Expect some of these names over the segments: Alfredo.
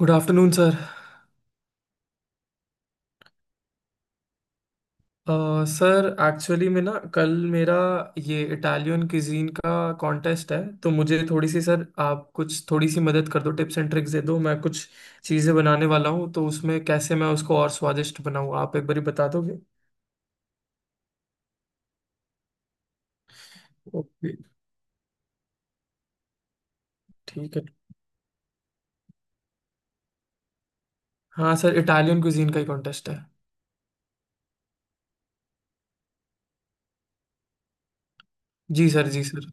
Good afternoon sir. Sir actually में ना कल मेरा ये इटालियन क्विजीन का कॉन्टेस्ट है। तो मुझे थोड़ी सी सर, आप कुछ थोड़ी सी मदद कर दो, टिप्स एंड ट्रिक्स दे दो। मैं कुछ चीज़ें बनाने वाला हूँ, तो उसमें कैसे मैं उसको और स्वादिष्ट बनाऊँ, आप एक बारी बता दोगे? ओके। ठीक है। हाँ सर, इटालियन क्विजीन का ही कॉन्टेस्ट है। जी सर, जी सर।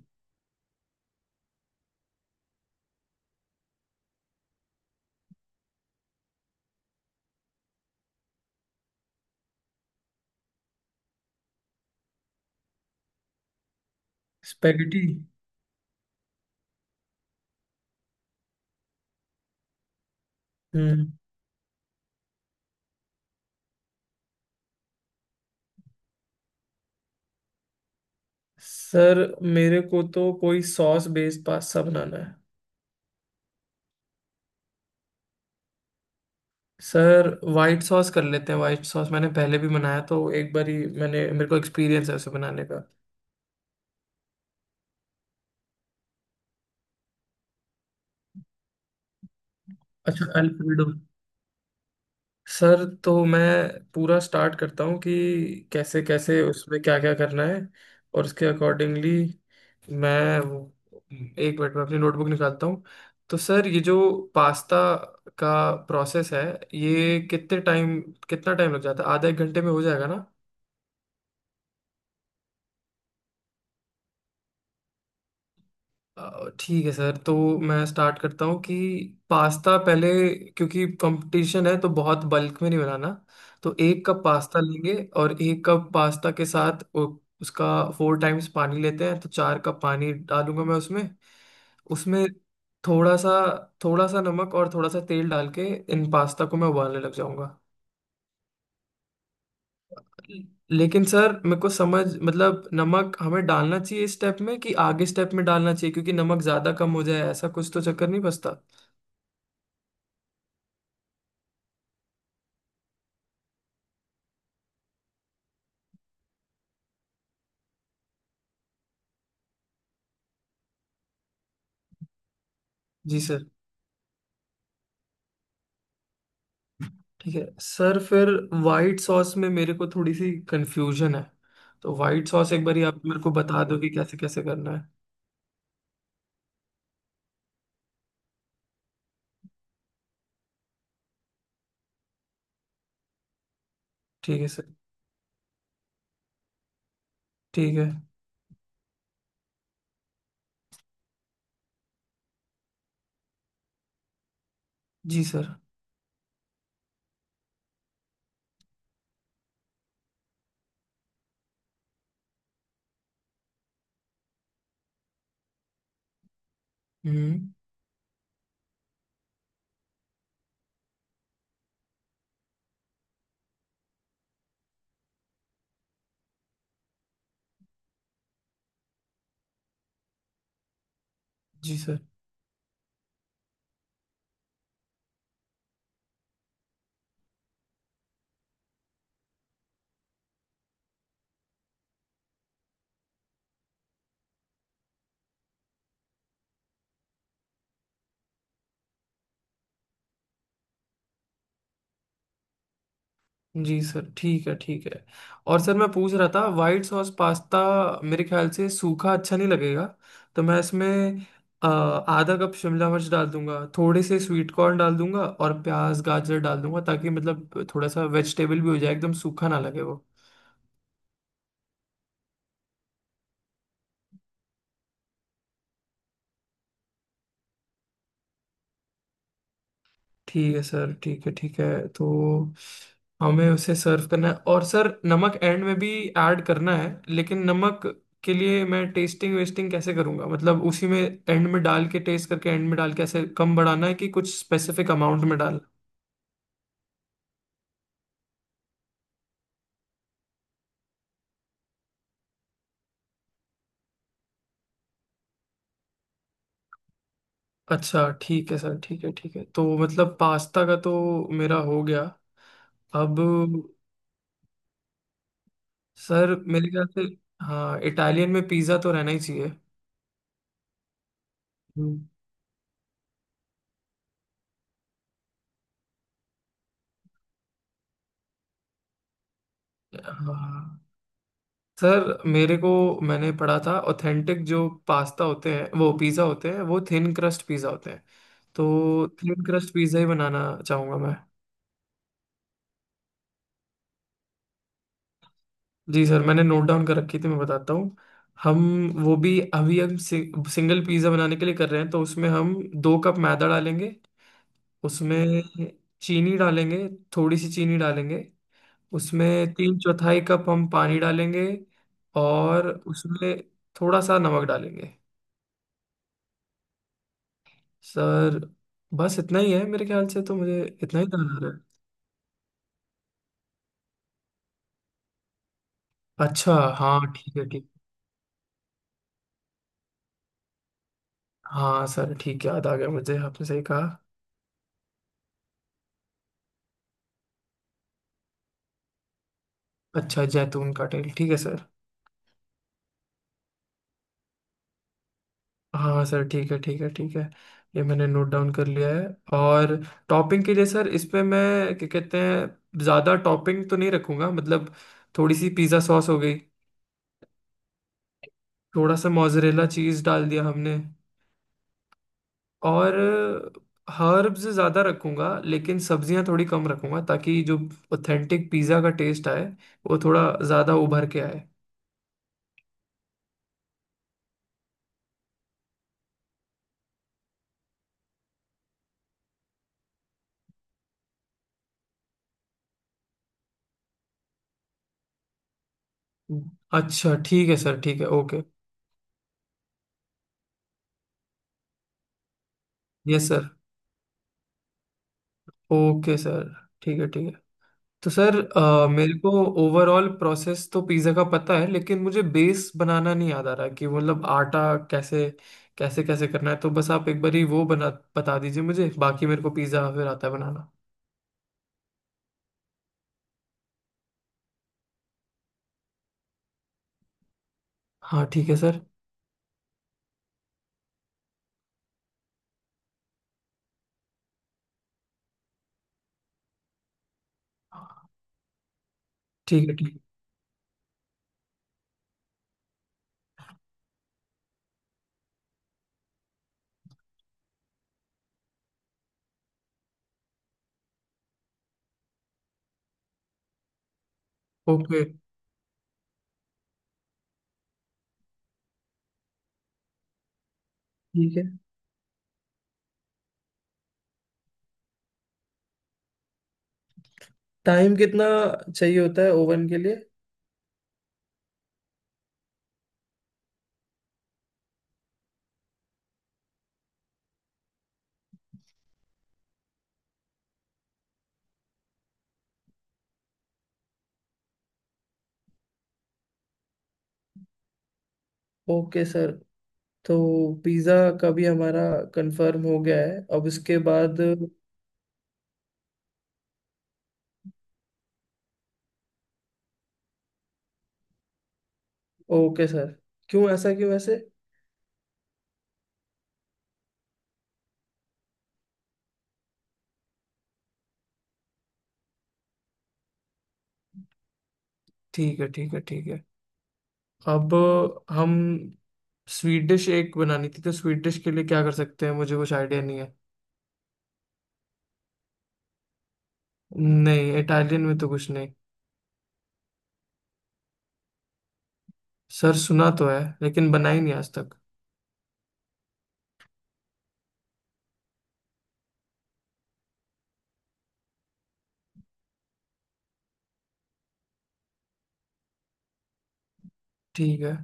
स्पेगेटी। हम्म। सर, मेरे को तो कोई सॉस बेस्ड पास्ता बनाना है। सर, वाइट सॉस कर लेते हैं। वाइट सॉस मैंने पहले भी बनाया, तो एक बार ही मैंने, मेरे को एक्सपीरियंस है उसे बनाने का। अच्छा, अल्फ्रेडो। सर, तो मैं पूरा स्टार्ट करता हूँ कि कैसे कैसे उसमें क्या क्या करना है, और उसके अकॉर्डिंगली मैं वो- 1 मिनट में अपनी नोटबुक निकालता हूँ। तो सर, ये जो पास्ता का प्रोसेस है, ये कितने टाइम, कितना टाइम लग जाता है? आधा एक घंटे में हो जाएगा ना? ठीक है सर, तो मैं स्टार्ट करता हूँ कि पास्ता पहले, क्योंकि कंपटीशन है तो बहुत बल्क में नहीं बनाना। तो 1 कप पास्ता लेंगे। और 1 कप पास्ता के साथ उसका 4 टाइम्स पानी लेते हैं, तो 4 कप पानी डालूंगा मैं उसमें। उसमें थोड़ा सा, थोड़ा सा नमक और थोड़ा सा तेल डाल के इन पास्ता को मैं उबालने लग जाऊंगा। लेकिन सर, मेरे को समझ, मतलब नमक हमें डालना चाहिए इस स्टेप में कि आगे स्टेप में डालना चाहिए, क्योंकि नमक ज्यादा कम हो जाए ऐसा कुछ तो चक्कर नहीं बसता? जी सर। ठीक है सर, फिर वाइट सॉस में मेरे को थोड़ी सी कंफ्यूजन है, तो वाइट सॉस एक बारी आप मेरे को बता दो कि कैसे कैसे करना है। ठीक है सर। ठीक है। जी सर। हम्म। जी सर। जी सर, ठीक है, ठीक है। और सर, मैं पूछ रहा था वाइट सॉस पास्ता मेरे ख्याल से सूखा अच्छा नहीं लगेगा। तो मैं इसमें 1/2 कप शिमला मिर्च डाल दूंगा, थोड़े से स्वीट कॉर्न डाल दूंगा और प्याज, गाजर डाल दूंगा, ताकि मतलब थोड़ा सा वेजिटेबल भी हो जाए, एकदम सूखा ना लगे वो। ठीक है सर, ठीक है, ठीक है। तो हमें उसे सर्व करना है, और सर, नमक एंड में भी ऐड करना है। लेकिन नमक के लिए मैं टेस्टिंग वेस्टिंग कैसे करूंगा? मतलब उसी में एंड में डाल के टेस्ट करके, एंड में डाल के ऐसे कम बढ़ाना है कि कुछ स्पेसिफिक अमाउंट में डाल? अच्छा ठीक है सर, ठीक है, ठीक है। तो मतलब पास्ता का तो मेरा हो गया। अब सर, मेरे ख्याल से, हाँ इटालियन में पिज़्ज़ा तो रहना ही चाहिए। हम्म। हाँ सर, मेरे को, मैंने पढ़ा था ऑथेंटिक जो पास्ता होते हैं वो पिज़्ज़ा होते हैं, वो थिन क्रस्ट पिज़्ज़ा होते हैं। तो थिन क्रस्ट पिज़्ज़ा ही बनाना चाहूँगा मैं। जी सर, मैंने नोट डाउन कर रखी थी, मैं बताता हूँ। हम वो भी अभी हम सिंगल पिज़्ज़ा बनाने के लिए कर रहे हैं, तो उसमें हम 2 कप मैदा डालेंगे। उसमें चीनी डालेंगे, थोड़ी सी चीनी डालेंगे। उसमें 3/4 कप हम पानी डालेंगे। और उसमें थोड़ा सा नमक डालेंगे। सर, बस इतना ही है मेरे ख्याल से, तो मुझे इतना ही ध्यान आ रहा है। अच्छा, हाँ, ठीक है, ठीक। हाँ सर, ठीक है, याद आ गया मुझे, आपने सही कहा। अच्छा, जैतून का तेल, ठीक है सर। हाँ सर, ठीक है, ठीक है, ठीक है। ये मैंने नोट डाउन कर लिया है। और टॉपिंग के लिए सर, इस पे मैं क्या कहते हैं, ज़्यादा टॉपिंग तो नहीं रखूंगा, मतलब थोड़ी सी पिज़्ज़ा सॉस हो गई, थोड़ा सा मोजरेला चीज़ डाल दिया हमने। और हर्ब्स ज़्यादा रखूंगा लेकिन सब्जियां थोड़ी कम रखूंगा, ताकि जो ऑथेंटिक पिज़्ज़ा का टेस्ट आए, वो थोड़ा ज़्यादा उभर के आए। अच्छा ठीक है सर, ठीक है, okay. Yes sir. Okay sir, ठीक है, ठीक है। तो सर, मेरे को ओवरऑल प्रोसेस तो पिज़्ज़ा का पता है, लेकिन मुझे बेस बनाना नहीं याद आ रहा कि मतलब आटा कैसे, कैसे कैसे करना है। तो बस आप एक बार ही वो बना, बता दीजिए मुझे, बाकी मेरे को पिज़्ज़ा फिर आता है बनाना। हाँ ठीक है सर, ठीक है, ठीक। ओके। ठीक है। टाइम कितना चाहिए होता है ओवन के लिए? Okay sir. तो पिज़्ज़ा का भी हमारा कंफर्म हो गया है, अब इसके बाद। ओके सर, क्यों ऐसा, क्यों ऐसे? ठीक है, ठीक है, ठीक है। अब हम, स्वीट डिश एक बनानी थी, तो स्वीट डिश के लिए क्या कर सकते हैं? मुझे कुछ आइडिया नहीं है। नहीं, इटालियन में तो कुछ नहीं। सर, सुना तो है, लेकिन बनाई नहीं आज तक। ठीक है।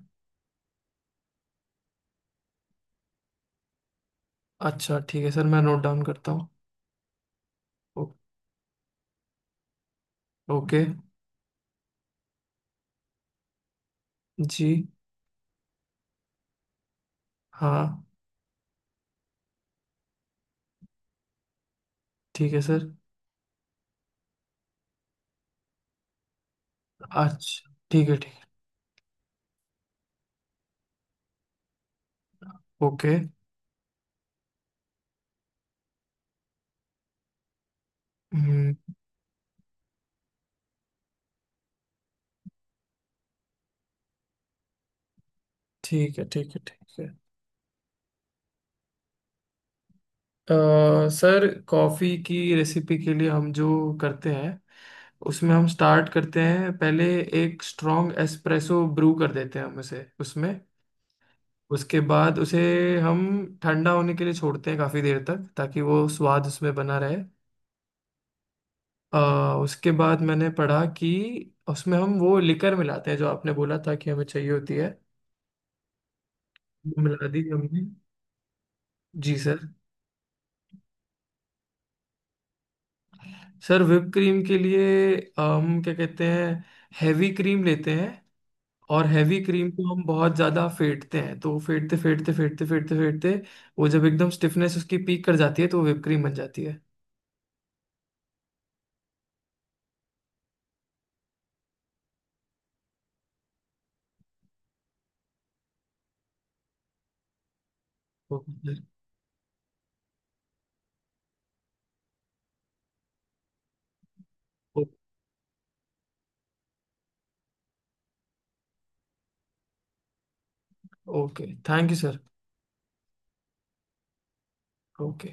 अच्छा ठीक है सर, मैं नोट डाउन करता हूँ। ओ- ओके। जी। हाँ। ठीक है सर। अच्छा ठीक है, ठीक है। ओके। हम्म। ठीक है, ठीक है, ठीक है। सर, कॉफ़ी की रेसिपी के लिए हम जो करते हैं, उसमें हम स्टार्ट करते हैं पहले, एक स्ट्रॉन्ग एस्प्रेसो ब्रू कर देते हैं हम उसे उसमें। उसके बाद उसे हम ठंडा होने के लिए छोड़ते हैं काफ़ी देर तक, ताकि वो स्वाद उसमें बना रहे। अ, उसके बाद मैंने पढ़ा कि उसमें हम वो लिकर मिलाते हैं जो आपने बोला था कि हमें चाहिए होती है। वो मिला दी हमने। जी सर। सर, whipped क्रीम के लिए हम क्या कहते हैं, हैवी क्रीम लेते हैं। और हैवी क्रीम को हम बहुत ज़्यादा फेंटते हैं, तो फेंटते फेंटते फेंटते फेंटते फेंटते वो जब एकदम स्टिफनेस उसकी पीक कर जाती है, तो वो whipped क्रीम बन जाती है। Okay. Okay, thank you sir. Okay.